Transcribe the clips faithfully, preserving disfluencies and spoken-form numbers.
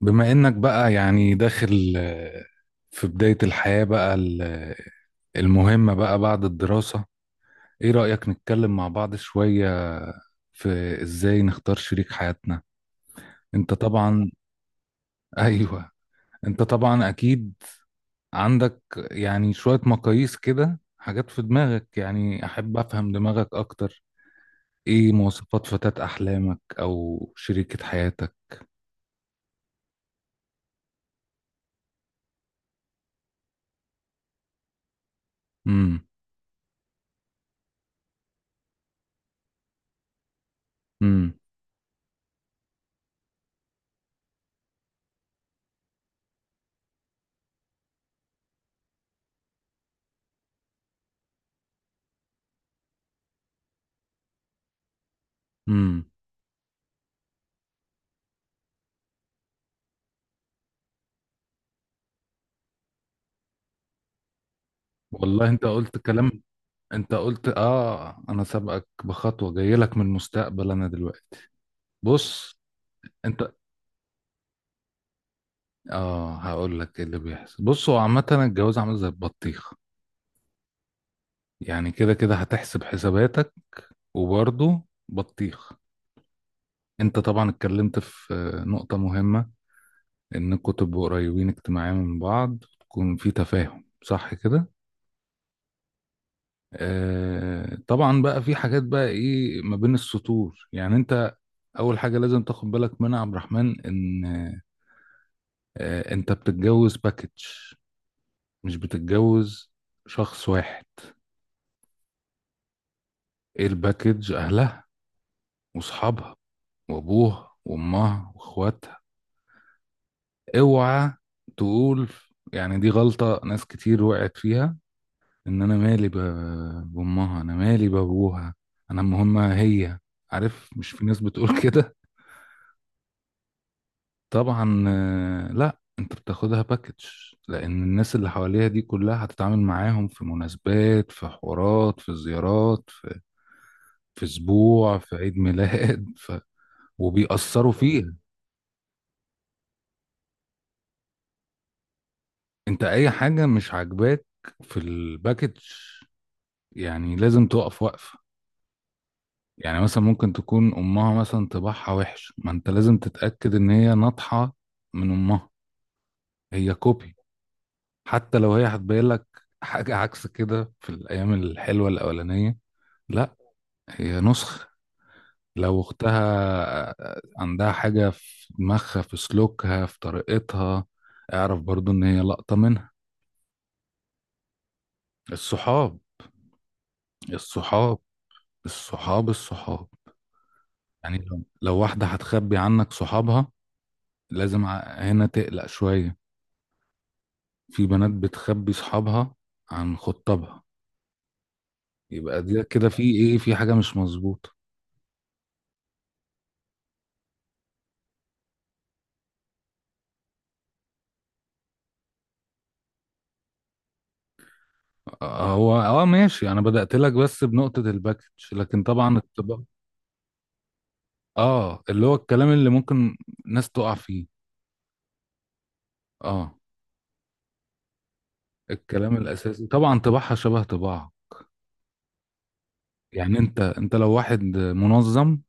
بما انك بقى يعني داخل آه، في بداية الحياة بقى ال- آه، المهمة بقى بعد الدراسة. ايه رأيك نتكلم مع بعض شوية في ازاي نختار شريك حياتنا؟ انت طبعا. ايوه، انت طبعا اكيد عندك يعني شوية مقاييس كده، حاجات في دماغك. يعني احب افهم دماغك اكتر. ايه مواصفات فتاة احلامك او شريكة حياتك؟ امم. امم. امم. والله انت قلت كلام. انت قلت اه انا سابقك بخطوه، جاي لك من المستقبل انا دلوقتي. بص. انت اه هقول لك ايه اللي بيحصل. بص، هو عامه الجواز عامل زي البطيخ، يعني كده كده هتحسب حساباتك وبرضه بطيخ. انت طبعا اتكلمت في آه، نقطه مهمه، انكم تبقوا قريبين اجتماعيا من بعض، تكون في تفاهم، صح كده. آه طبعا، بقى في حاجات بقى ايه ما بين السطور. يعني انت اول حاجه لازم تاخد بالك منها يا عبد الرحمن، ان آه، انت بتتجوز باكج، مش بتتجوز شخص واحد. ايه الباكج؟ اهلها واصحابها وابوها وامها واخواتها. اوعى تقول، يعني دي غلطة ناس كتير وقعت فيها، ان انا مالي ب- بامها، انا مالي بابوها، انا مهمة هي. عارف؟ مش في ناس بتقول كده. طبعا. آه، لا، انت بتاخدها باكج، لان الناس اللي حواليها دي كلها هتتعامل معاهم، في مناسبات، في حوارات، في زيارات، في اسبوع، في عيد ميلاد، ف... وبيأثروا فيها. انت اي حاجة مش عاجباك في الباكج يعني لازم تقف وقفة. يعني مثلا ممكن تكون امها مثلا طباعها وحش، ما انت لازم تتأكد ان هي ناطحة من امها، هي كوبي. حتى لو هي هتبين لك حاجة عكس كده في الايام الحلوة الاولانية، لا، هي نسخ. لو اختها عندها حاجة في دماغها، في سلوكها، في طريقتها، اعرف برضو ان هي لقطة منها. الصحاب الصحاب الصحاب الصحاب، يعني لو لو واحدة هتخبي عنك صحابها، لازم ع- هنا تقلق شوية. في بنات بتخبي صحابها عن خطابها، يبقى دي كده في ايه، في حاجة مش مظبوطة. هو اه ماشي، انا بدأت لك بس بنقطة الباكج، لكن طبعا الطباع، اه اللي هو الكلام اللي ممكن ناس تقع فيه. اه، الكلام الاساسي طبعا، طباعها شبه طباع. يعني انت انت لو واحد منظم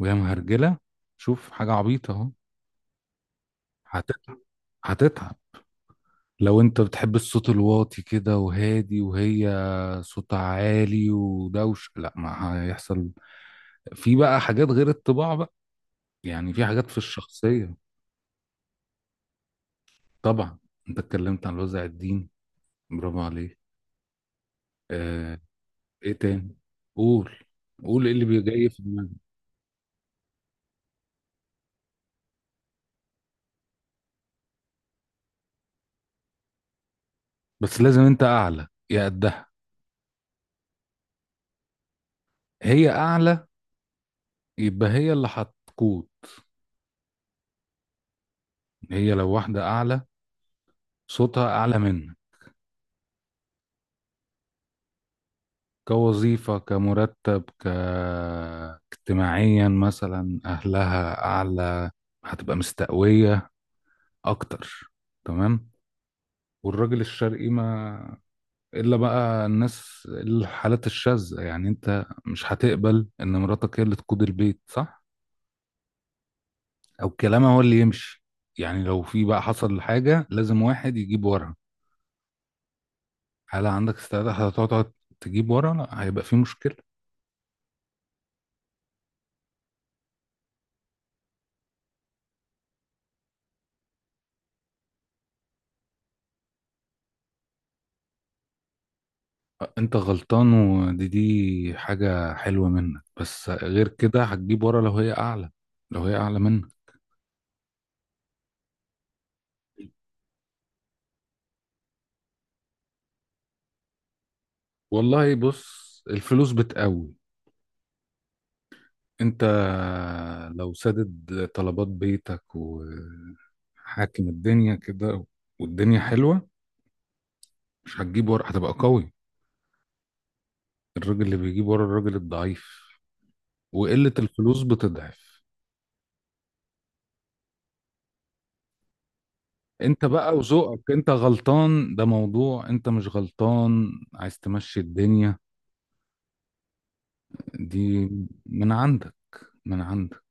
وهي مهرجله، شوف حاجه عبيطه اهو. هتتعب هتتعب. لو انت بتحب الصوت الواطي كده وهادي، وهي صوتها عالي ودوش، لا، ما هيحصل. في بقى حاجات غير الطباع بقى، يعني في حاجات في الشخصيه. طبعا. انت اتكلمت عن وزع الدين، برافو عليك. آه. ايه تاني؟ قول، قول ايه اللي جاي في دماغك. بس لازم انت اعلى يا قدها. هي اعلى يبقى هي اللي هتقود. هي لو واحدة اعلى، صوتها اعلى منك، كوظيفة، كمرتب، ك اجتماعيا مثلا، اهلها اعلى، هتبقى مستقوية اكتر. تمام. والراجل الشرقي، ما الا بقى الناس الحالات الشاذة، يعني انت مش هتقبل ان مراتك هي اللي تقود البيت، صح؟ او كلامها هو اللي يمشي. يعني لو في بقى حصل حاجة لازم واحد يجيب ورا، هل عندك استعداد هتقعد تجيب ورا؟ لا، هيبقى في مشكلة. انت غلطان، ودي دي حاجة حلوة منك، بس غير كده هتجيب ورا لو هي اعلى، لو هي اعلى منك. والله بص، الفلوس بتقوي. انت لو سدد طلبات بيتك وحاكم الدنيا كده، والدنيا حلوة، مش هتجيب ورا، هتبقى قوي. الراجل اللي بيجيب ورا الراجل الضعيف، وقلة الفلوس بتضعف. انت بقى وذوقك، انت غلطان ده موضوع، انت مش غلطان عايز تمشي الدنيا دي، من عندك، من عندك.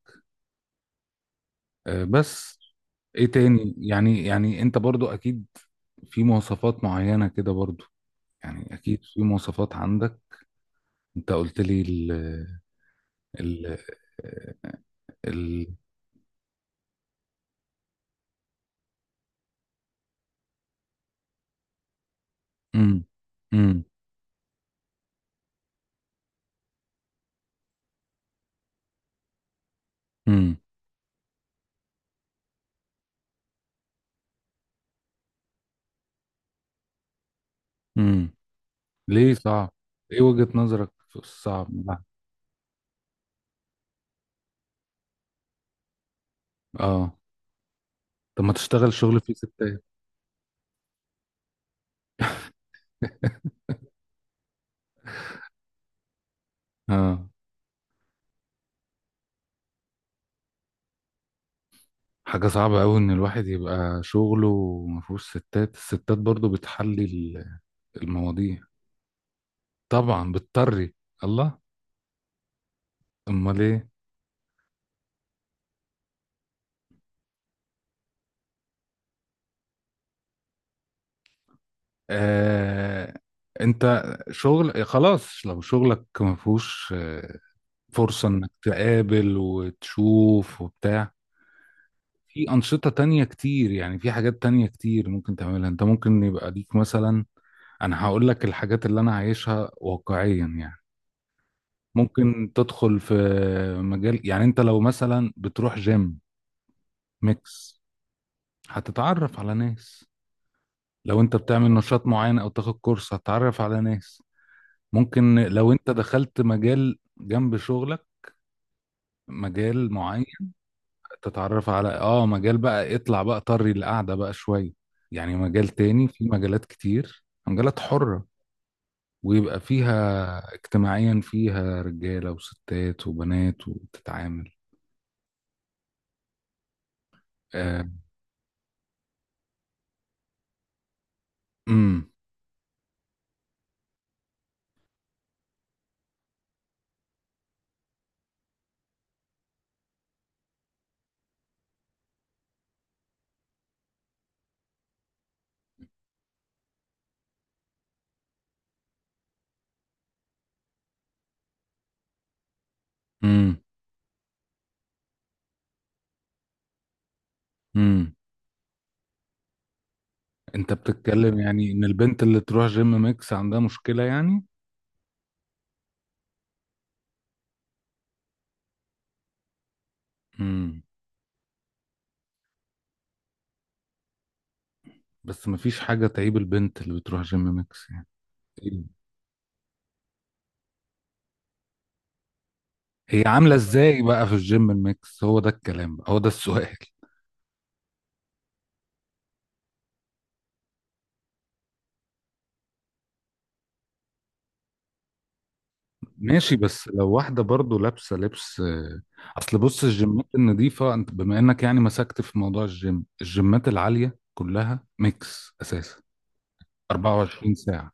آه، بس ايه تاني؟ يعني يعني انت برضو اكيد في مواصفات معينة كده، برضو يعني اكيد في مواصفات عندك. انت قلت لي ال ال ال. امم. امم. امم. امم. ليه صعب؟ ايه وجهة نظرك في الصعب ده؟ اه. طب ما تشتغل شغل فيه ستات؟ اه. حاجة صعبة أوي إن الواحد يبقى شغله ومفهوش ستات، الستات برضو بتحلي ال- المواضيع. طبعا بتطري. الله. أمال إيه. آه... أنت، شغل خلاص. لو شغلك مفهوش آه، فرصة إنك تقابل وتشوف وبتاع، في أنشطة تانية كتير. يعني في حاجات تانية كتير ممكن تعملها أنت، ممكن يبقى ليك مثلا. أنا هقول لك الحاجات اللي أنا عايشها واقعيا يعني. ممكن تدخل في مجال، يعني انت لو مثلا بتروح جيم ميكس هتتعرف على ناس. لو انت بتعمل نشاط معين او تاخد كورس، هتتعرف على ناس. ممكن لو انت دخلت مجال جنب شغلك، مجال معين، تتعرف على اه مجال بقى، اطلع بقى طري القعدة بقى شوية. يعني مجال تاني، في مجالات كتير، مجالات حرة، ويبقى فيها اجتماعيا، فيها رجالة وستات وبنات، وتتعامل. آه. امم. امم. انت بتتكلم يعني ان البنت اللي تروح جيم ميكس عندها مشكلة يعني؟ امم. بس مفيش حاجة تعيب البنت اللي بتروح جيم ميكس يعني. إيه؟ هي عاملة ازاي بقى في الجيم الميكس؟ هو ده الكلام بقى، هو ده السؤال. ماشي، بس لو واحدة برضو لابسة لبس آه، اصل بص، الجيمات النظيفة انت بما انك يعني مسكت في موضوع الجيم، الجيمات العالية كلها ميكس اساسا، 24 ساعة.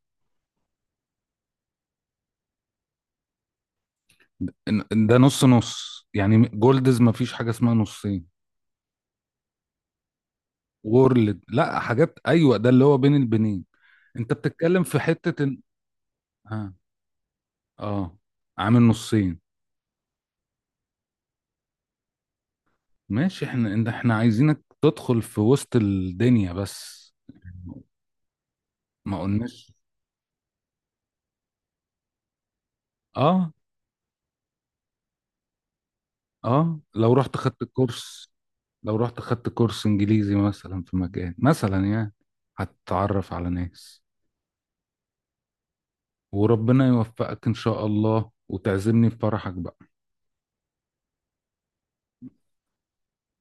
ده ده نص نص يعني. جولدز مفيش حاجة اسمها نصين. وورلد، لا، حاجات، ايوه، ده اللي هو بين البنين. انت بتتكلم في حتة ان، ها. اه، عامل نصين. ماشي، احنا انت احنا عايزينك تدخل في وسط الدنيا بس، ما قلناش. اه اه. لو رحت خدت كورس، لو رحت خدت كورس انجليزي مثلا في مكان مثلا يعني، هتتعرف على ناس. وربنا يوفقك ان شاء الله، وتعزمني في فرحك بقى.